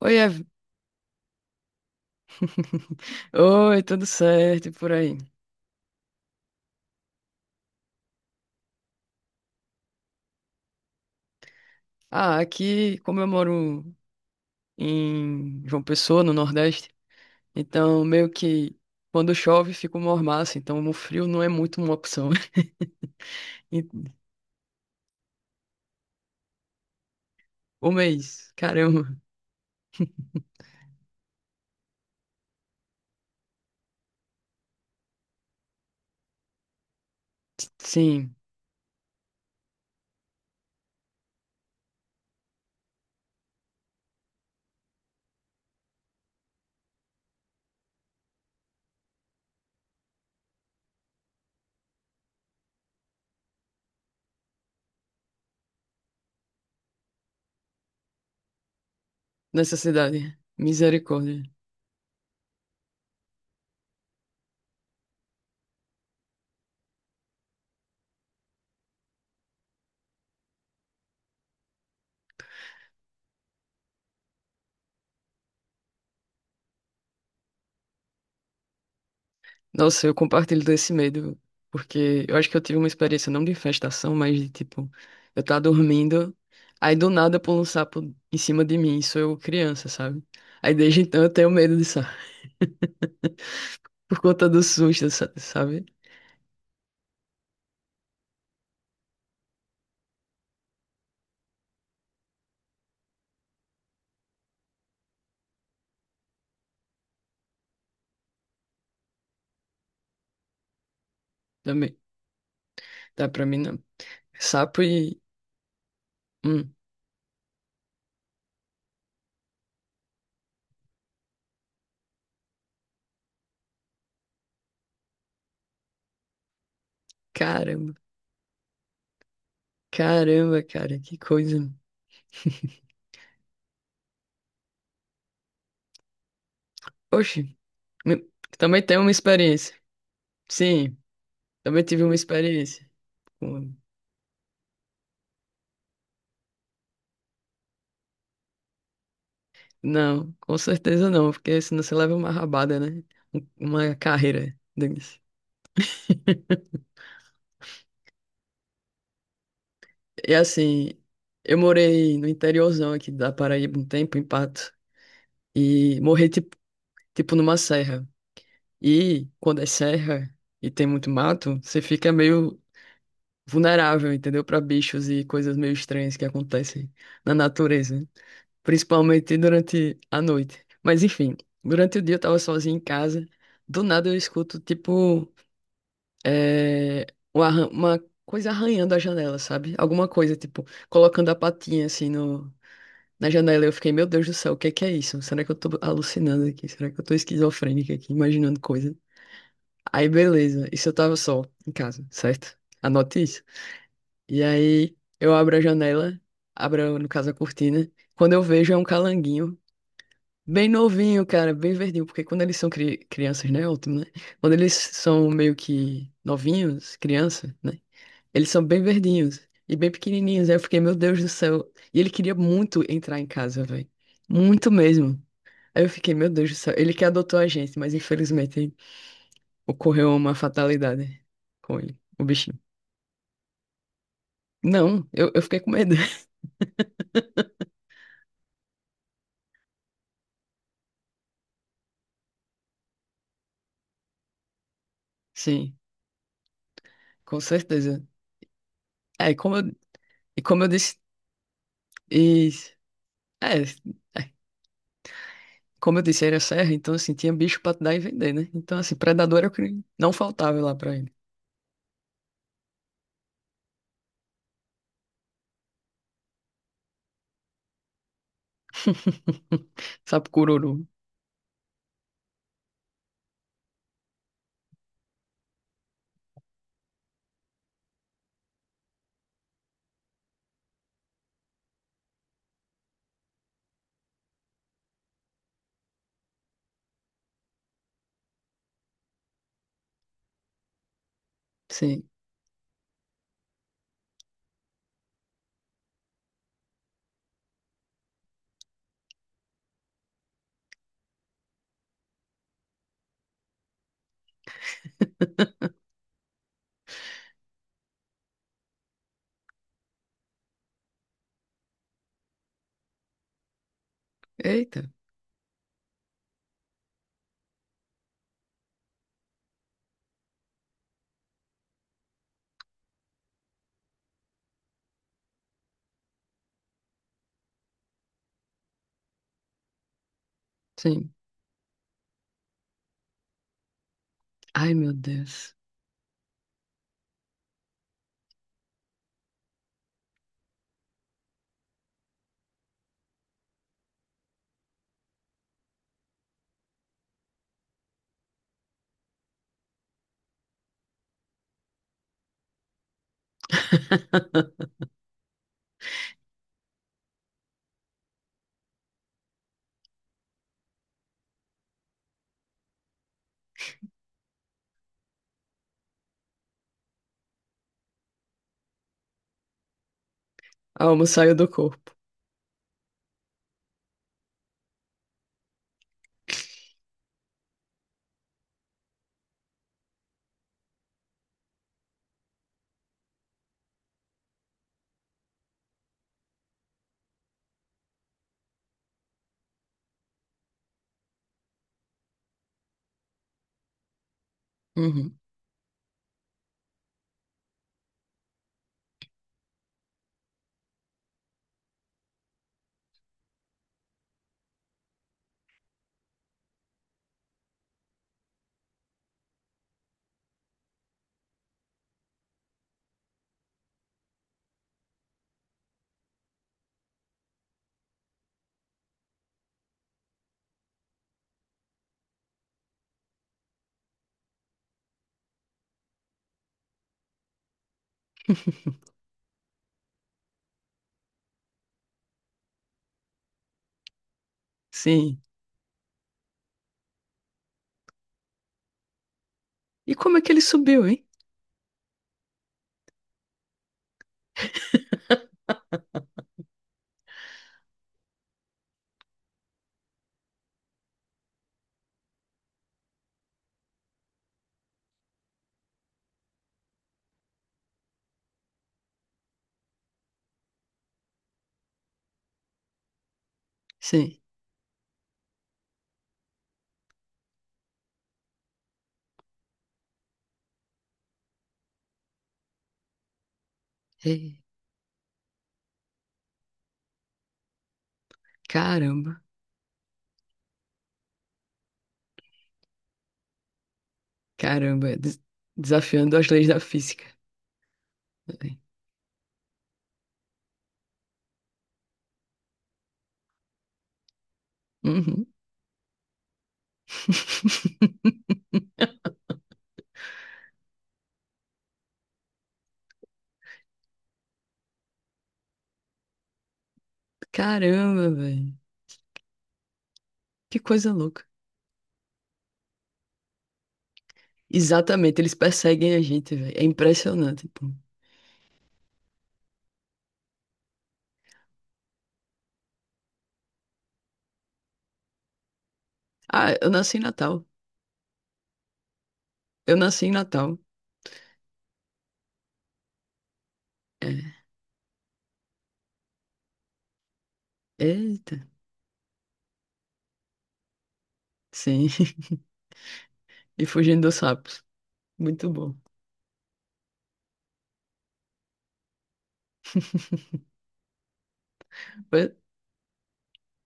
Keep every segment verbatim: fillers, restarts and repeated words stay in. Oi, Ev... Oi, tudo certo e por aí? Ah, aqui, como eu moro em João Pessoa, no Nordeste, então meio que quando chove fica uma mormaço, então o frio não é muito uma opção. E o mês, caramba, sim, necessidade, misericórdia. Nossa, eu compartilho desse medo, porque eu acho que eu tive uma experiência não de infestação, mas de tipo, eu tava dormindo, aí do nada pula um sapo em cima de mim, isso eu criança, sabe? Aí desde então eu tenho medo de sapo, por conta do susto, sa- sabe? Também. Tá pra mim não. Sapo e. Hum, caramba, caramba, cara, que coisa. Oxe, me- também tenho uma experiência. Sim, também tive uma experiência. Não, com certeza não, porque senão você leva uma rabada, né? Um- Uma carreira, Denis. E assim, eu morei no interiorzão aqui da Paraíba um tempo, em Pato, e morri tipo, tipo numa serra. E quando é serra e tem muito mato, você fica meio vulnerável, entendeu? Para bichos e coisas meio estranhas que acontecem na natureza, né? Principalmente durante a noite. Mas enfim, durante o dia eu tava sozinho em casa, do nada eu escuto tipo. É, um arran- uma coisa arranhando a janela, sabe? Alguma coisa, tipo, colocando a patinha assim no, na janela. Eu fiquei, meu Deus do céu, o que que é isso? Será que eu tô alucinando aqui? Será que eu tô esquizofrênica aqui, imaginando coisa? Aí, beleza. Isso eu tava só em casa, certo? Anote isso. E aí, eu abro a janela, abro, no caso, a cortina. Quando eu vejo, é um calanguinho. Bem novinho, cara, bem verdinho, porque quando eles são cri- crianças, né? Ótimo, né? Quando eles são meio que novinhos, criança, né? Eles são bem verdinhos e bem pequenininhos. Aí eu fiquei, meu Deus do céu. E ele queria muito entrar em casa, velho. Muito mesmo. Aí eu fiquei, meu Deus do céu. Ele que adotou a gente, mas infelizmente ocorreu uma fatalidade com ele, o bichinho. Não, eu, eu fiquei com medo. Sim, com certeza. É, e como eu, e como eu disse. E, é, é, como eu disse, era serra, então assim, tinha bicho pra dar e vender, né? Então, assim, predador era o que não faltava lá pra ele. Sabe, cururu. Sim. Eita. Sim. Ai, meu Deus. A alma saiu do corpo. Uhum. Sim. E como é que ele subiu, hein? Sim. Ei, caramba. Caramba. é des- desafiando as leis da física. Uhum. Caramba, velho. Que coisa louca. Exatamente, eles perseguem a gente, velho. É impressionante, pô. Ah, eu nasci em Natal. Eu nasci em Natal. É. Eita. Sim. E fugindo dos sapos. Muito bom. Foi-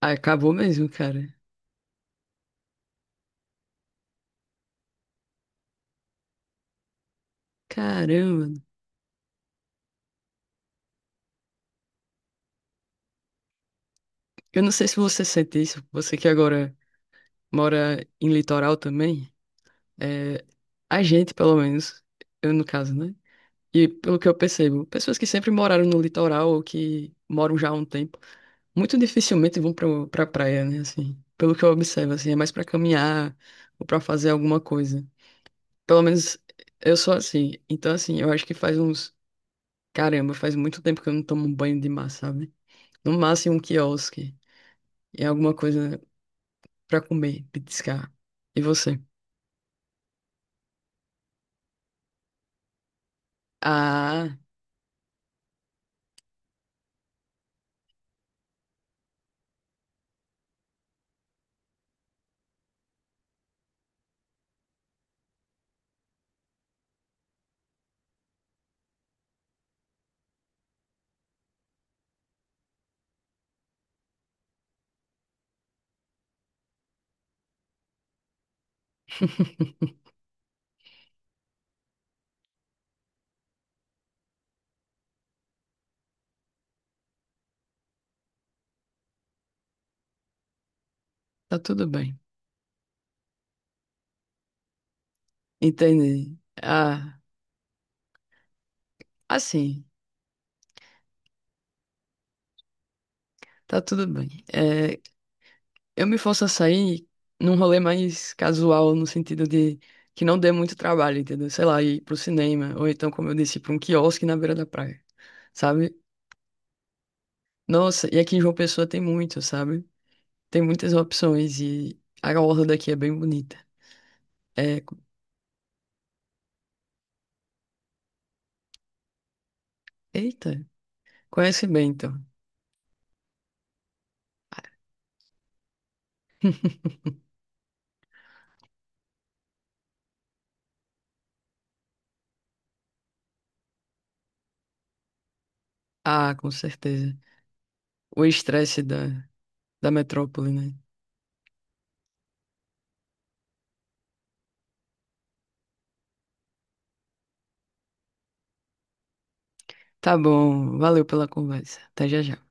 Ah, acabou mesmo, cara. Caramba. Eu não sei se você sente isso, você que agora mora em litoral também, é, a gente, pelo menos, eu no caso, né? E pelo que eu percebo, pessoas que sempre moraram no litoral ou que moram já há um tempo, muito dificilmente vão pra, pra praia, né? Assim, pelo que eu observo, assim, é mais pra caminhar ou pra fazer alguma coisa. Pelo menos eu sou assim. Então, assim, eu acho que faz uns. Caramba, faz muito tempo que eu não tomo um banho de mar, sabe? No máximo um quiosque. E alguma coisa, pra comer, petiscar. E você? Ah, tá tudo bem. Entendi. Ah, assim, tá tudo bem. É, eu me forço a sair num rolê mais casual, no sentido de que não dê muito trabalho, entendeu? Sei lá, ir pro cinema, ou então, como eu disse, pra um quiosque na beira da praia, sabe? Nossa, e aqui em João Pessoa tem muito, sabe? Tem muitas opções e a orla daqui é bem bonita. É, co- eita, conhece bem, então. Ah, com certeza. O estresse da, da metrópole, né? Tá bom, valeu pela conversa. Até já já.